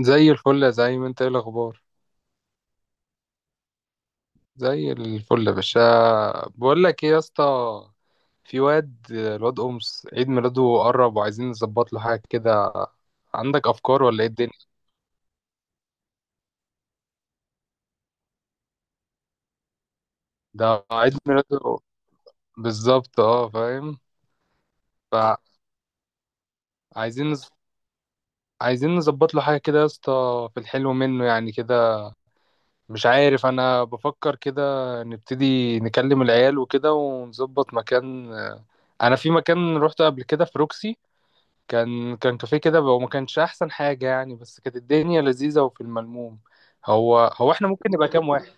زي الفل، زي ما انت. ايه الاخبار؟ زي الفل يا باشا. بقول لك ايه يا اسطى. في الواد امس عيد ميلاده قرب وعايزين نظبط له حاجه كده. عندك افكار ولا ايه الدنيا؟ ده عيد ميلاده بالظبط، اه فاهم. فعايزين نز... عايزين نظبط له حاجه كده يا اسطى في الحلو منه يعني كده. مش عارف، انا بفكر كده. نبتدي نكلم العيال وكده ونظبط مكان. انا في مكان روحته قبل كده في روكسي. كان كافيه كده، هو ما كانش احسن حاجة يعني، بس كانت الدنيا لذيذة وفي الملموم. هو هو احنا ممكن نبقى كام واحد؟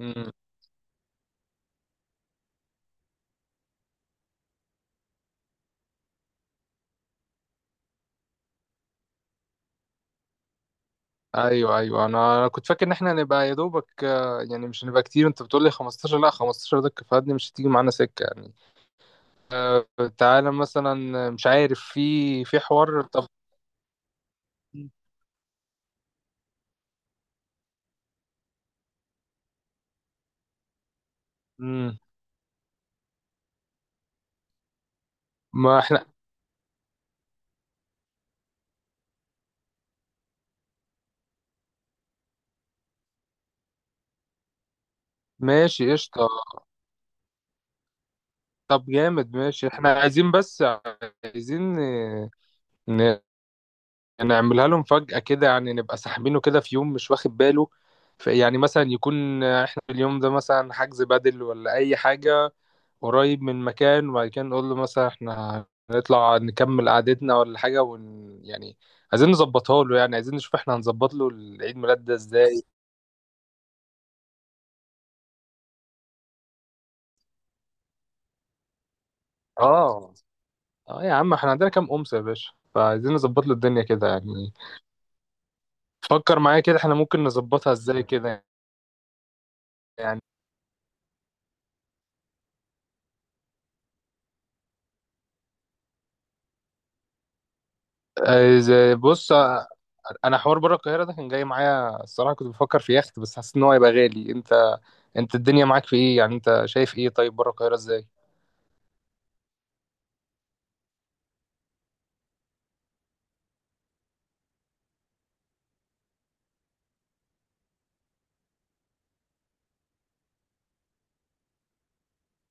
امم. ايوه، ايوه، انا كنت فاكر ان احنا نبقى يا دوبك، يعني مش هنبقى كتير. انت بتقول لي 15، لا 15 ده كفاية، مش هتيجي معانا سكة يعني. آه، تعالى مثلا، مش عارف، في حوار طب. امم. ما احنا ماشي قشطة. طب جامد، ماشي. احنا عايزين، بس عايزين نعملها لهم فجأة كده، يعني نبقى ساحبينه كده في يوم مش واخد باله. يعني مثلا يكون احنا في اليوم ده مثلا حجز بدل ولا اي حاجة قريب من مكان، وبعد كده نقول له مثلا احنا هنطلع نكمل قعدتنا ولا حاجة يعني. عايزين نظبطها له، يعني عايزين نشوف احنا هنظبط له العيد ميلاد ده ازاي. اه. اه يا عم، احنا عندنا كام أمس يا باشا، فعايزين نظبط له الدنيا كده يعني. فكر معايا كده، احنا ممكن نظبطها ازاي كده. يعني بص، انا حوار بره القاهره ده كان جاي معايا الصراحه، كنت بفكر في يخت، بس حاسس ان هو هيبقى غالي. انت الدنيا معاك في ايه يعني، انت شايف ايه طيب بره القاهره ازاي؟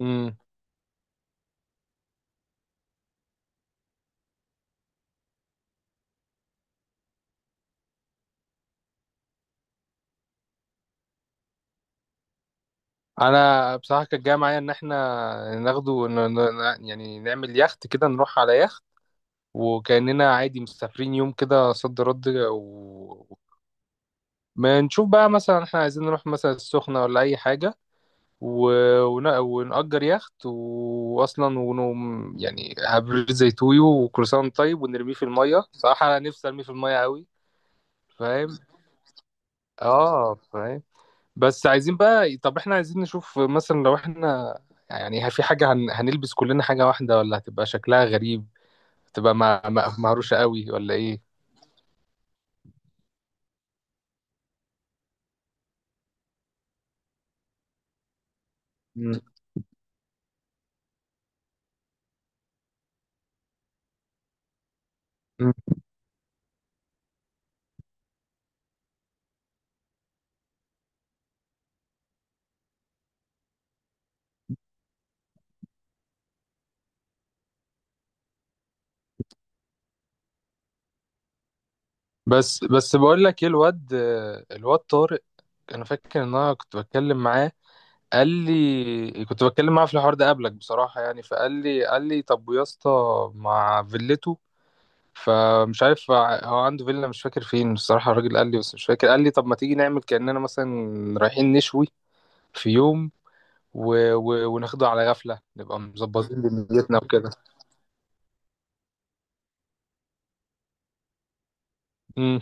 امم. انا بصراحه كان جاي معايا ان احنا ناخده، يعني نعمل يخت كده، نروح على يخت، وكاننا عادي مسافرين يوم كده صد رد ما نشوف بقى مثلا احنا عايزين نروح مثلا السخنه ولا اي حاجه. و- ونأجر يخت وأصلا، ونقوم يعني هبريد زي تويو وكروسان طيب، ونرميه في المية، صراحة أنا نفسي أرميه في المية أوي. فاهم. آه، فاهم. بس عايزين بقى، طب إحنا عايزين نشوف مثلا لو إحنا يعني، هل في حاجة هنلبس كلنا حاجة واحدة ولا هتبقى شكلها غريب، تبقى مهروشة أوي ولا إيه؟ مم. مم. بس بقول لك إيه، الواد، الواد طارق، أنا فاكر إن أنا كنت بتكلم معاه. قال لي، كنت بتكلم معاه في الحوار ده قبلك بصراحة يعني، فقال لي طب يا اسطى، مع فيلته. فمش عارف، هو عنده فيلا مش فاكر فين بصراحة، الراجل قال لي بس مش فاكر. قال لي طب ما تيجي نعمل كأننا مثلا رايحين نشوي في يوم وناخده على غفلة نبقى مظبطين دنيتنا وكده. امم.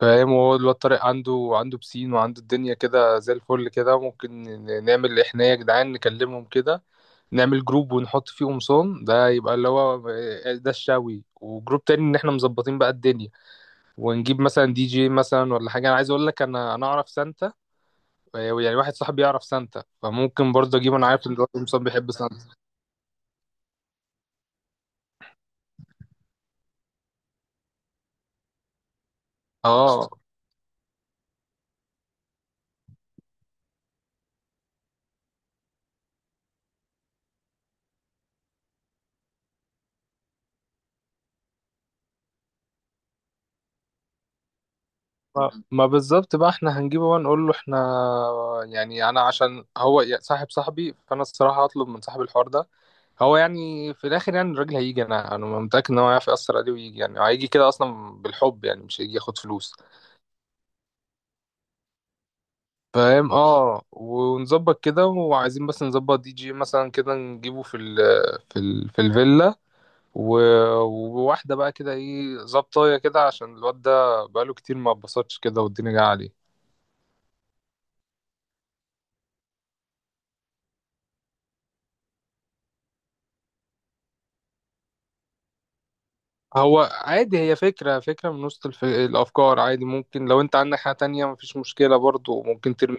فاهم، وهو الواد طارق عنده بسين وعنده الدنيا كده زي الفل كده. ممكن نعمل احنا يا جدعان نكلمهم كده، نعمل جروب ونحط فيه قمصان، ده يبقى اللي هو، ده الشاوي. وجروب تاني ان احنا مظبطين بقى الدنيا، ونجيب مثلا دي جي مثلا ولا حاجه. انا عايز اقول لك، انا اعرف سانتا يعني، واحد صاحبي يعرف سانتا، فممكن برضه اجيبه. انا عارف ان الواد قمصان بيحب سانتا. اه. ما بالظبط بقى، احنا هنجيبه بقى نقول له احنا يعني. انا عشان هو صاحبي، فانا الصراحه هطلب من صاحب الحوار ده، هو يعني في الاخر يعني، الراجل هيجي، انا متاكد ان هو هيعرف ياثر عليه ويجي، يعني هيجي كده اصلا بالحب يعني، مش هيجي ياخد فلوس. فاهم. اه، ونظبط كده. وعايزين بس نظبط دي جي مثلا كده، نجيبه في ال في ال في الفيلا. و- وواحدة بقى كده، ايه، ظبطاية كده عشان الواد ده بقاله كتير ما اتبسطش كده والدنيا جاية عليه. هو عادي، هي فكرة من وسط الأفكار، عادي، ممكن لو أنت عندك حاجة تانية مفيش مشكلة برضو، ممكن ترمي.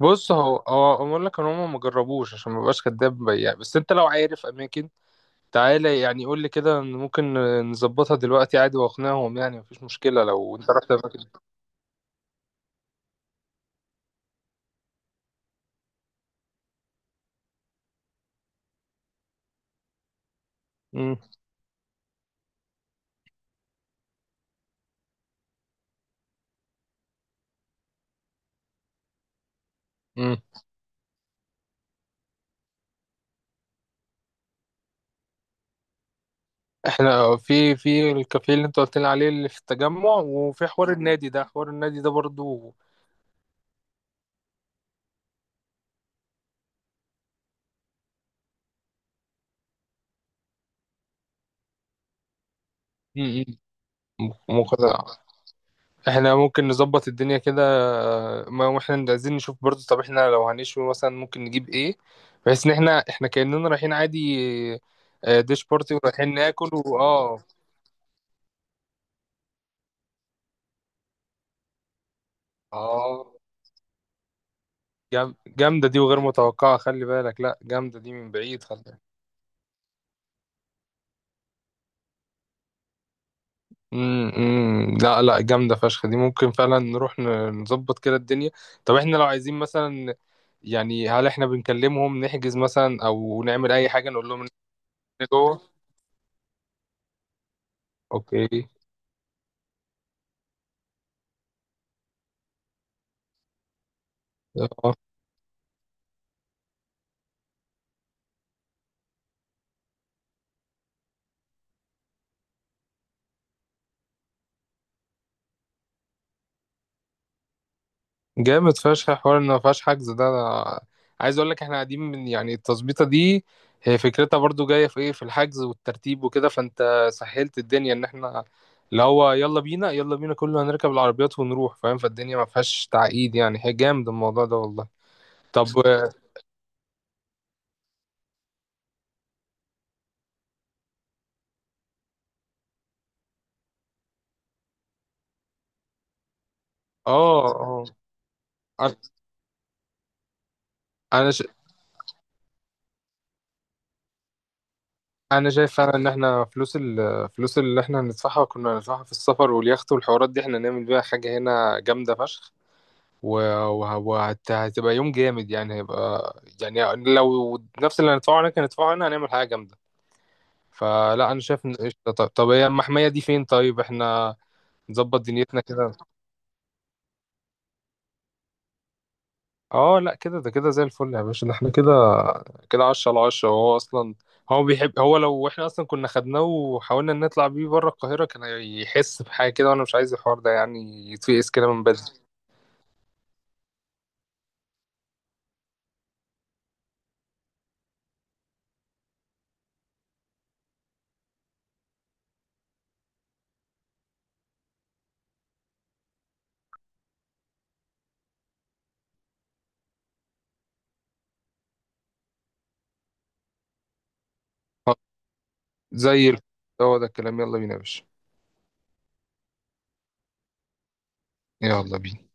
بص، هو أقول لك إن هما مجربوش عشان مبقاش كداب يعني، بس أنت لو عارف أماكن تعالى يعني قول لي كده، ممكن نظبطها دلوقتي عادي واقنعهم يعني، مفيش مشكلة لو انت رحت اماكن. مم. مم. احنا في الكافيه اللي انت قلت لي عليه اللي في التجمع، وفي حوار النادي ده، حوار النادي ده برضو. مم. مم. مقدر. احنا ممكن نظبط الدنيا كده. ما احنا عايزين نشوف برضو، طب احنا لو هنشوي مثلا ممكن نجيب ايه بحيث ان احنا كأننا رايحين عادي، ديش بارتي، ورايحين ناكل واه. اه، آه. جامدة دي وغير متوقعة خلي بالك، لا، جامدة دي من بعيد خلي بالك. مم، مم. لا، لا، جامدة فشخ دي، ممكن فعلا نروح نظبط كده الدنيا. طب احنا لو عايزين مثلا يعني، هل احنا بنكلمهم نحجز مثلا او نعمل اي حاجة نقول لهم إن إحنا جوه. اوكي. جامد فشخ حوار ان ما فيهاش حجز، ده انا عايز اقول لك، احنا قاعدين من يعني، التظبيطه دي هي فكرتها برضو جايه في ايه، في الحجز والترتيب وكده، فانت سهلت الدنيا ان احنا اللي هو يلا بينا، يلا بينا، كله هنركب العربيات ونروح، فاهم، فالدنيا ما فيهاش تعقيد يعني، هي جامد الموضوع ده والله. طب اه، اه، انا ش... انا شايف فعلا ان احنا الفلوس اللي احنا هندفعها كنا هندفعها في السفر واليخت والحوارات دي احنا نعمل بيها حاجه هنا جامده فشخ، وهتبقى يوم جامد يعني هيبقى يعني، لو نفس اللي هندفعه هناك هندفعه هنا هنعمل حاجة جامدة. فلا، أنا شايف إن قشطة. طب هي المحمية دي فين طيب، إحنا نظبط دنيتنا كده. اه لا كده، ده كده زي الفل يا باشا، ده احنا كده، كده عشرة على عشرة، وهو أصلا هو بيحب، هو لو احنا أصلا كنا خدناه وحاولنا نطلع بيه بره القاهرة كان هيحس بحاجة كده، وأنا مش عايز الحوار ده يعني يتفقس كده من بدري. آه، زي الفل. هو ده الكلام، يلا بينا يا باشا. يلا بينا